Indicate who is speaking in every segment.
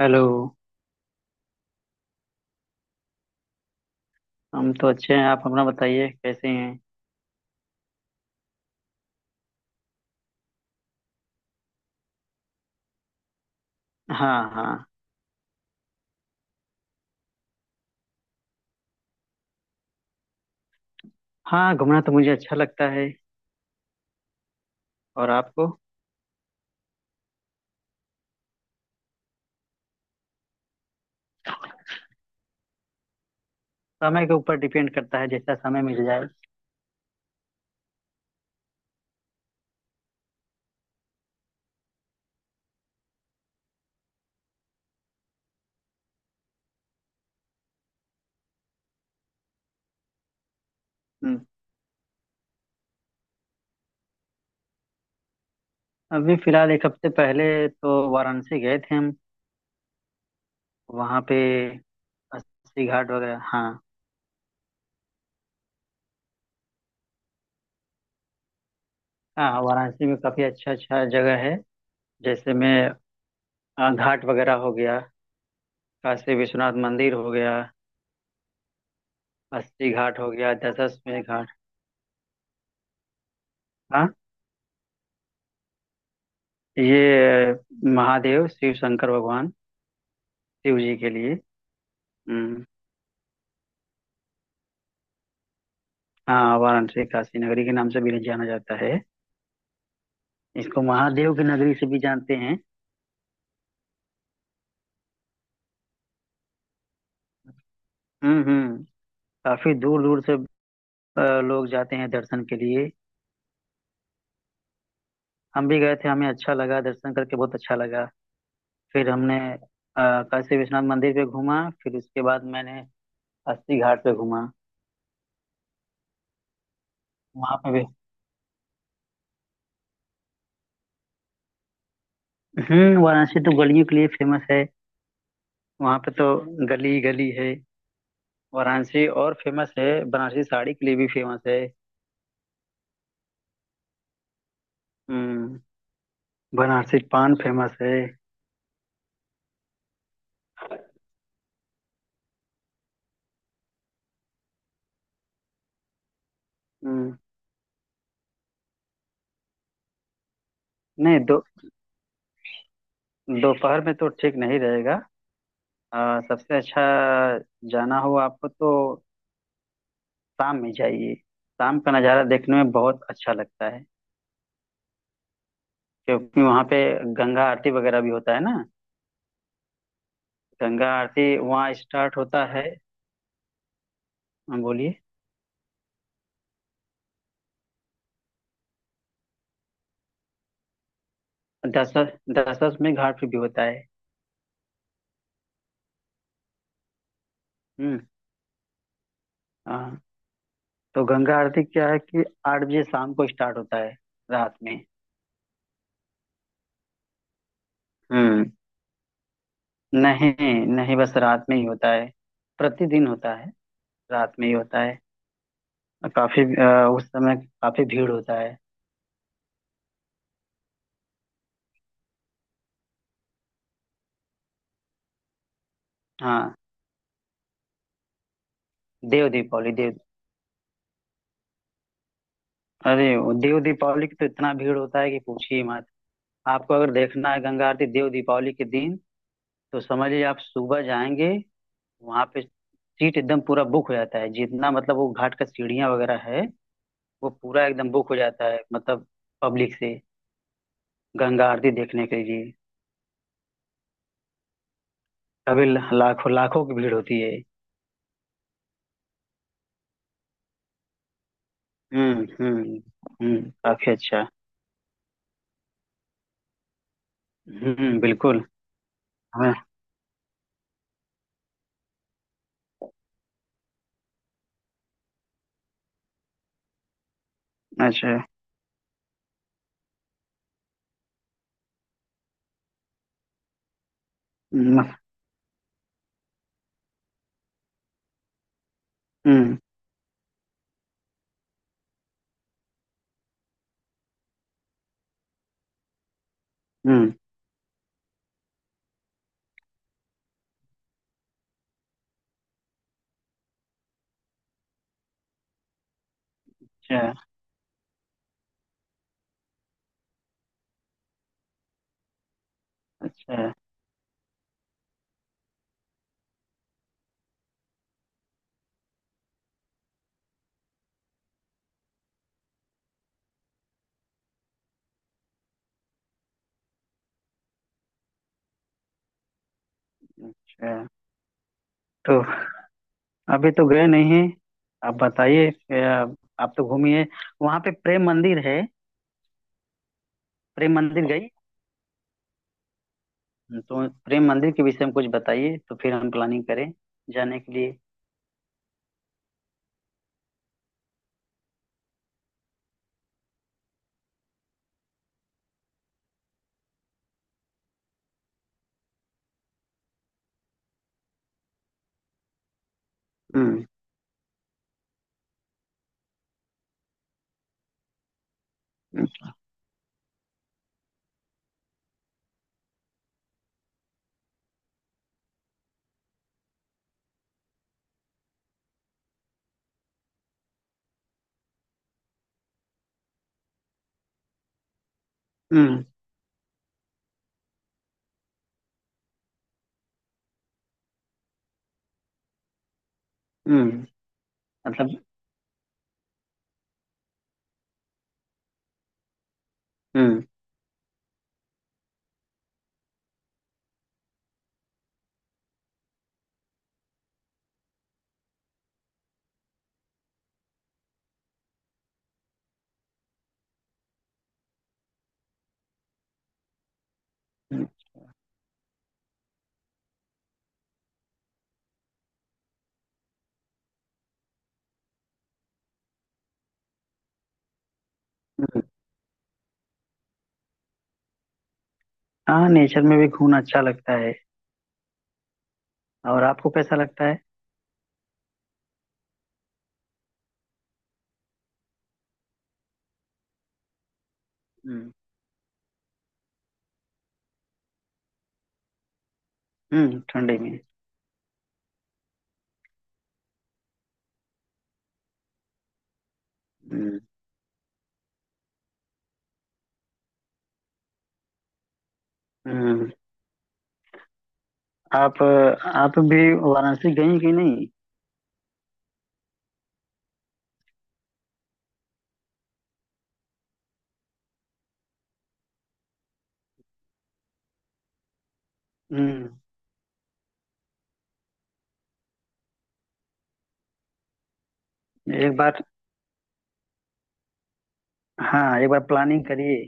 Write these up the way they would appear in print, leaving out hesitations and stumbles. Speaker 1: Hello. हम तो अच्छे हैं। आप अपना बताइए, कैसे हैं? हाँ, हाँ। हाँ, घूमना तो मुझे अच्छा लगता है। और आपको? समय के ऊपर डिपेंड करता है, जैसा समय मिल जाए। हम्म, अभी फिलहाल एक हफ्ते पहले तो वाराणसी गए थे हम। वहाँ पे अस्सी घाट वगैरह, हाँ। हाँ, वाराणसी में काफी अच्छा अच्छा जगह है। जैसे में घाट वगैरह हो गया। काशी विश्वनाथ मंदिर हो गया। अस्सी घाट हो गया, दशाश्वमेध घाट। हाँ, ये महादेव, शिव शंकर भगवान। शिव जी के लिए। हम्म। हाँ, वाराणसी काशी नगरी के नाम से भी जाना जाता है। इसको महादेव की नगरी से भी जानते हैं। हम्म, हम्म। काफी दूर दूर से लोग जाते हैं दर्शन के लिए। हम भी गए थे, हमें अच्छा लगा, दर्शन करके बहुत अच्छा लगा। फिर हमने काशी विश्वनाथ मंदिर पे घूमा, फिर उसके बाद मैंने अस्सी घाट पे घूमा। वहां पे भी। वाराणसी तो गलियों के लिए फेमस है। वहां पे तो गली गली है वाराणसी। और फेमस है, बनारसी साड़ी के लिए भी फेमस है। हम्म। बनारसी पान फेमस है। हम्म, नहीं। दो दोपहर में तो ठीक नहीं रहेगा। सबसे अच्छा जाना हो आपको तो शाम में जाइए। शाम का नज़ारा देखने में बहुत अच्छा लगता है। क्योंकि वहाँ पे गंगा आरती वगैरह भी होता है ना। गंगा आरती वहाँ स्टार्ट होता है। हाँ, बोलिए। दशरथ दशरथ में घाट पे भी होता है। हम्म, हाँ। तो गंगा आरती क्या है कि 8 बजे शाम को स्टार्ट होता है, रात में। हम्म नहीं, नहीं, बस रात में ही होता है। प्रतिदिन होता है, रात में ही होता है। और काफी उस समय काफी भीड़ होता है। हाँ, देव दीपावली। देव अरे वो देव दीपावली की तो इतना भीड़ होता है कि पूछिए मत। आपको अगर देखना है गंगा आरती देव दीपावली के दिन तो समझिए आप सुबह जाएंगे वहां पे। सीट एकदम पूरा बुक हो जाता है, जितना मतलब वो घाट का सीढ़ियाँ वगैरह है, वो पूरा एकदम बुक हो जाता है, मतलब, पब्लिक से गंगा आरती देखने के लिए। कभी लाखों लाखों की भीड़ होती है। हम्म, हम्म, हम्म। काफी अच्छा। हम्म, बिल्कुल। हाँ। अच्छा। हम्म, हम्म, हम्म। अच्छा, अच्छा, अच्छा। तो अभी तो गए नहीं हैं। आप बताइए। आप तो घूमिए। वहाँ पे प्रेम मंदिर है। प्रेम मंदिर गई। तो प्रेम मंदिर के विषय में कुछ बताइए तो फिर हम प्लानिंग करें जाने के लिए। हम्म, हम्म, हम्म। मतलब। हम्म, हम्म, हम्म। हाँ, नेचर में भी घूमना अच्छा लगता है। और आपको कैसा लगता है? हम्म, हम्म, ठंडे में। हम्म, हम्म। आप आप भी वाराणसी गई कि नहीं? हम्म एक बार। हाँ, एक बार प्लानिंग करिए।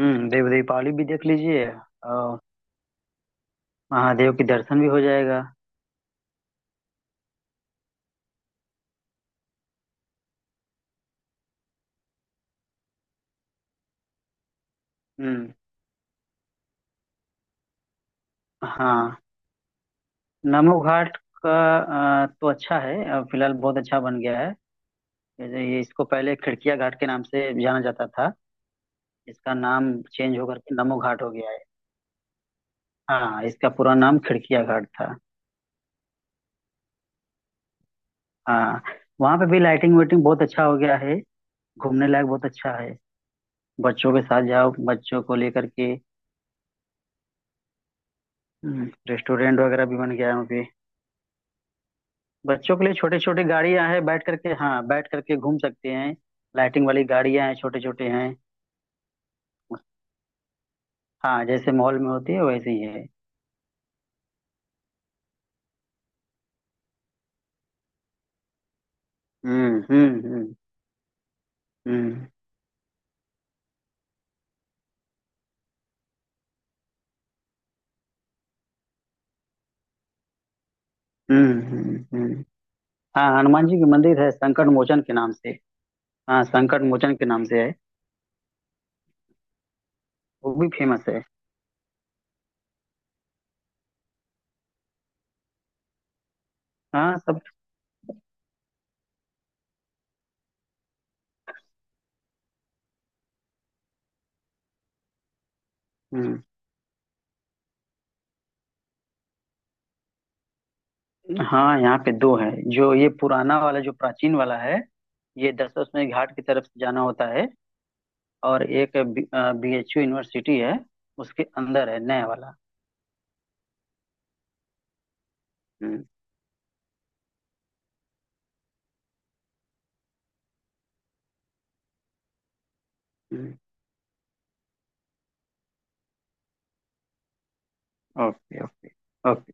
Speaker 1: देव दीपावली भी देख लीजिए। और महादेव के दर्शन भी हो जाएगा। हम्म हाँ, नमो घाट का तो अच्छा है। फिलहाल बहुत अच्छा बन गया है। जैसे ये इसको पहले खिड़किया घाट के नाम से जाना जाता था। इसका नाम चेंज होकर के नमो घाट हो गया है। हाँ, इसका पूरा नाम खिड़किया घाट था। हाँ, वहाँ पे भी लाइटिंग वाइटिंग बहुत अच्छा हो गया है। घूमने लायक बहुत अच्छा है। बच्चों के साथ जाओ, बच्चों को लेकर के। रेस्टोरेंट वगैरह भी बन गया है वहाँ पे। बच्चों के लिए छोटे छोटे गाड़ियां हैं, बैठ करके, हाँ, बैठ करके घूम सकते हैं। लाइटिंग वाली गाड़ियां हैं, छोटे छोटे हैं। हाँ, जैसे मॉल में होती है वैसे ही है। हम्म, हम्म, हम्म, हम्म, हम्म, हाँ, हनुमान जी की मंदिर है, संकट मोचन के नाम से। हाँ, संकट मोचन के नाम से है। वो भी फेमस है। हाँ, सब। हम्म। हाँ, यहाँ पे दो है, जो ये पुराना वाला, जो प्राचीन वाला है। ये दशाश्वमेध घाट की तरफ से जाना होता है। और एक BHU यूनिवर्सिटी है, उसके अंदर है नया वाला। हम्म, हम्म। Okay, okay, okay.